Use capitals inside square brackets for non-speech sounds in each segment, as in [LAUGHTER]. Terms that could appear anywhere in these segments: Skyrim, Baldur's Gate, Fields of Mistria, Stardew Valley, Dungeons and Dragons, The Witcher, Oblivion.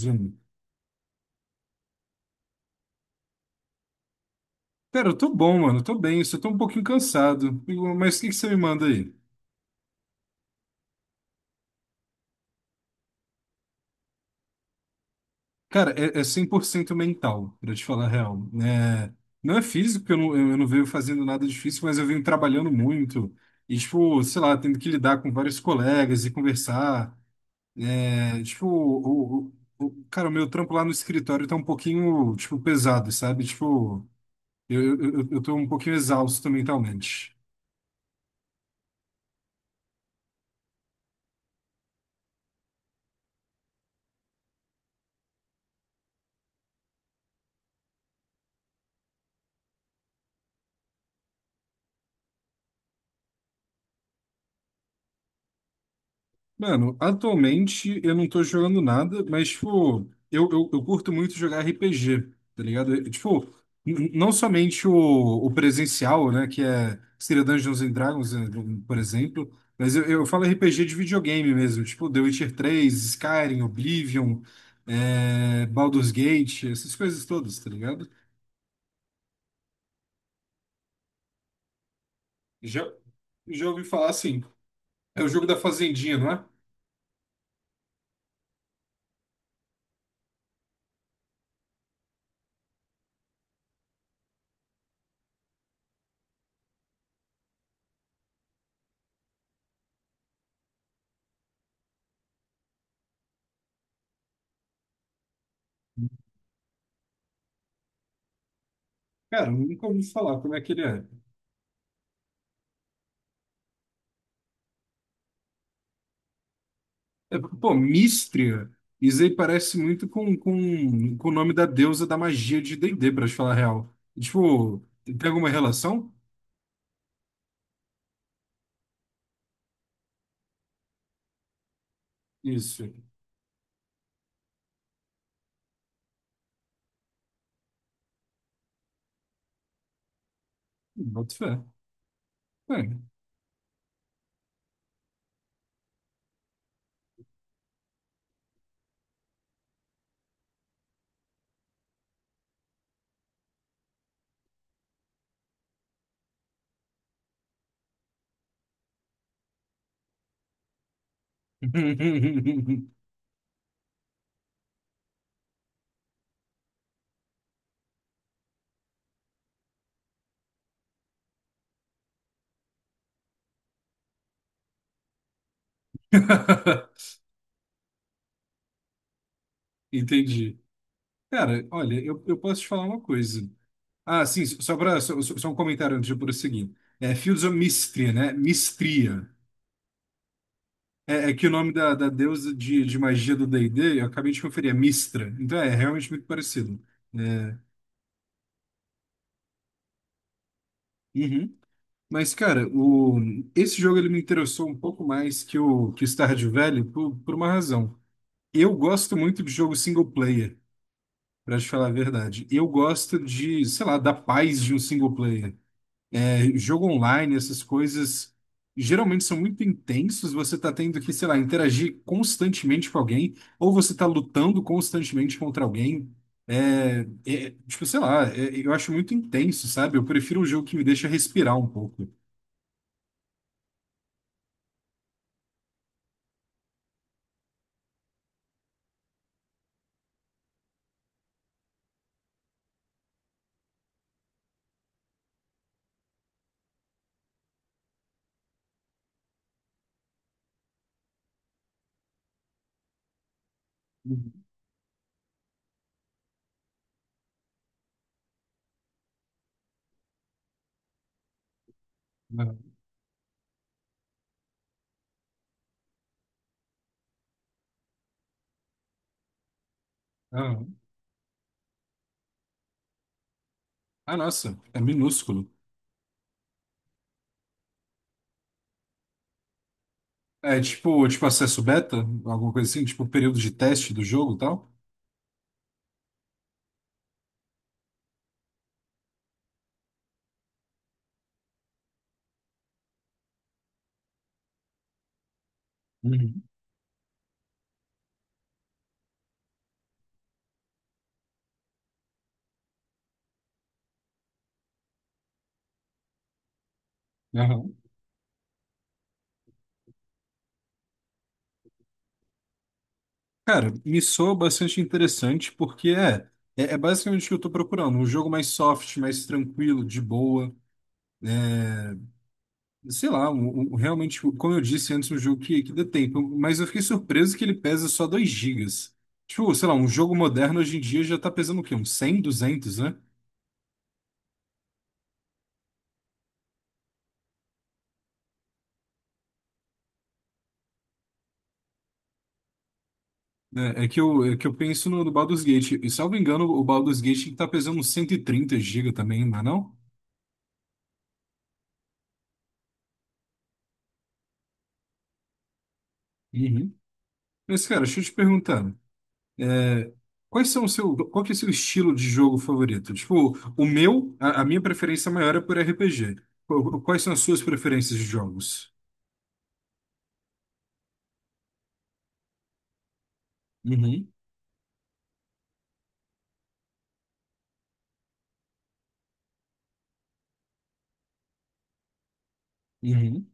Zoom. Cara, eu tô bom, mano. Tô bem, só tô um pouquinho cansado. Mas o que que você me manda aí? Cara, é 100% mental, pra te falar a real. É, não é físico, porque eu não venho fazendo nada difícil, mas eu venho trabalhando muito. E, tipo, sei lá, tendo que lidar com vários colegas e conversar. É, tipo, cara, o meu trampo lá no escritório tá um pouquinho, tipo, pesado, sabe? Tipo, eu tô um pouquinho exausto mentalmente. Mano, atualmente eu não tô jogando nada, mas, tipo, eu curto muito jogar RPG, tá ligado? Eu, tipo, não somente o presencial, né, que seria Dungeons and Dragons, né, por exemplo, mas eu falo RPG de videogame mesmo, tipo The Witcher 3, Skyrim, Oblivion, Baldur's Gate, essas coisas todas, tá ligado? Já, já ouvi falar assim, é o jogo da Fazendinha, não é? Cara, nunca ouvi falar como é que ele é. Pô, Místria, isso aí parece muito com, com o nome da deusa da magia de D&D, pra te falar a real. Tipo, tem alguma relação? Isso. Boto fé. É. [LAUGHS] Entendi. Cara, olha, eu posso te falar uma coisa. Ah, sim, só, pra, só, só só um comentário antes de eu prosseguir. É Fields of Mistria, né? Mistria. É que o nome da deusa de magia do D&D, eu acabei de conferir, é Mistra. Então é realmente muito parecido. É. Uhum. Mas, cara, o... esse jogo ele me interessou um pouco mais que que o Stardew Valley por uma razão. Eu gosto muito de jogo single player, pra te falar a verdade. Eu gosto de, sei lá, da paz de um single player. É, jogo online, essas coisas geralmente são muito intensos. Você tá tendo que, sei lá, interagir constantemente com alguém, ou você tá lutando constantemente contra alguém. É, tipo, sei lá, eu acho muito intenso, sabe? Eu prefiro um jogo que me deixa respirar um pouco. Uhum. Ah, ah, nossa, é minúsculo. É tipo, tipo acesso beta, alguma coisa assim, tipo período de teste do jogo e tal. Uhum. Aham. Cara, me soa bastante interessante porque é basicamente o que eu tô procurando, um jogo mais soft, mais tranquilo, de boa, sei lá, realmente, tipo, como eu disse antes, um jogo que dê tempo, mas eu fiquei surpreso que ele pesa só 2 gigas. Tipo, sei lá, um jogo moderno hoje em dia já tá pesando o quê? Uns 100, 200, né? É que eu penso no Baldur's Gate. E, salvo engano, o Baldur's Gate tá pesando uns 130 GB também, não é não? Uhum. Mas, cara, deixa eu te perguntar. É, quais são o seu, Qual que é o seu estilo de jogo favorito? Tipo, o meu, a minha preferência maior é por RPG. Quais são as suas preferências de jogos? Uhum. Uhum.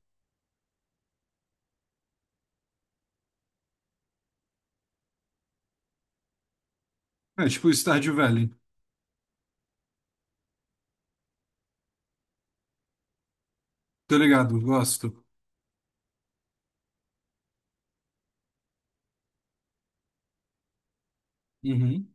É, tipo, Stardew Valley. Tô ligado, gosto. Uhum.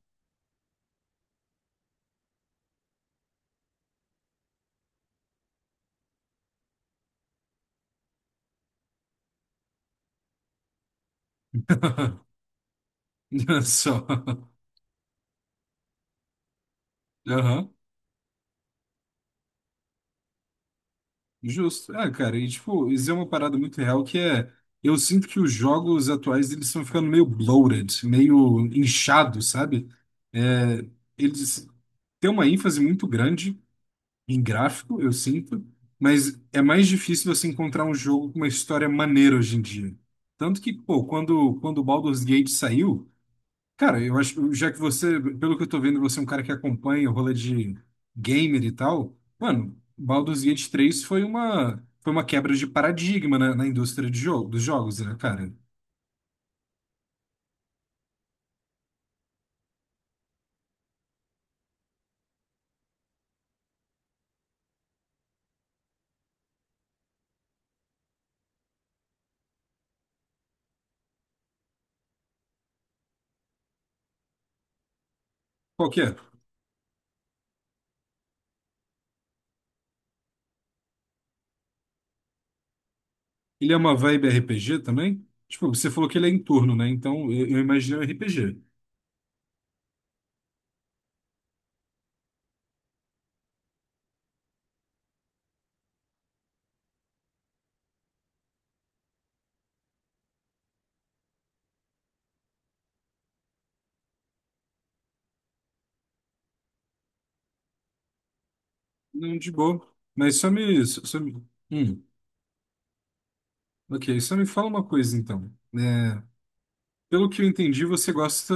[LAUGHS] Só. Aham. Justo. Ah, cara, e tipo, isso é uma parada muito real que é. Eu sinto que os jogos atuais eles estão ficando meio bloated, meio inchados, sabe? É, eles têm uma ênfase muito grande em gráfico, eu sinto, mas é mais difícil você encontrar um jogo com uma história maneira hoje em dia. Tanto que, pô, quando o Baldur's Gate saiu. Cara, eu acho, já que você, pelo que eu tô vendo, você é um cara que acompanha o rolê de gamer e tal, mano, Baldur's Gate 3 foi foi uma quebra de paradigma na indústria de jogo, dos jogos, né, cara? Qual que é? Ele é uma vibe RPG também? Tipo, você falou que ele é em turno, né? Então eu imaginei um RPG. Não, de boa. Mas só me, só me... Hum, ok, só me fala uma coisa então. Pelo que eu entendi, você gosta.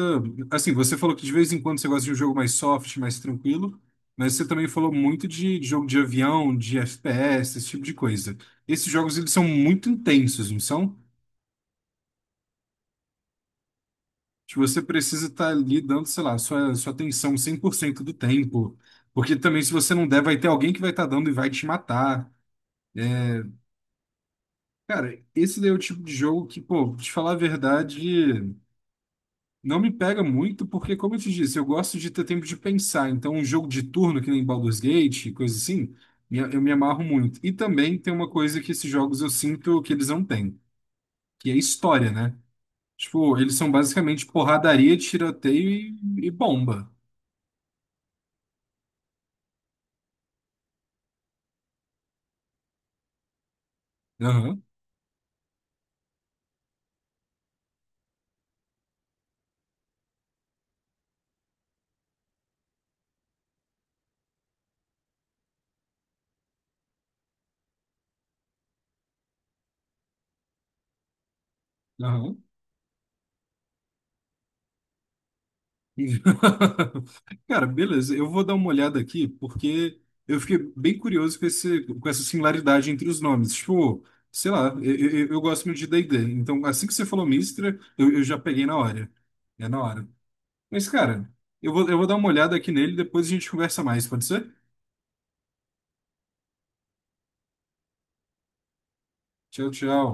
Assim, você falou que de vez em quando você gosta de um jogo mais soft, mais tranquilo, mas você também falou muito de jogo de avião, de FPS, esse tipo de coisa. Esses jogos, eles são muito intensos, não são? Tipo, você precisa estar ali dando, sei lá, sua atenção 100% do tempo, porque também se você não der, vai ter alguém que vai estar dando e vai te matar. Cara, esse daí é o tipo de jogo que, pô, te falar a verdade. Não me pega muito, porque, como eu te disse, eu gosto de ter tempo de pensar. Então, um jogo de turno, que nem Baldur's Gate, coisa assim, eu me amarro muito. E também tem uma coisa que esses jogos eu sinto que eles não têm, que é história, né? Tipo, eles são basicamente porradaria, tiroteio e bomba. Aham, aham. [LAUGHS] Cara, beleza, eu vou dar uma olhada aqui, porque eu fiquei bem curioso com esse, com essa similaridade entre os nomes. Tipo, sei lá, eu gosto muito de D&D, então assim que você falou Mistra, eu já peguei na hora. É na hora. Mas, cara, eu vou dar uma olhada aqui nele, depois a gente conversa mais, pode ser? Tchau, tchau.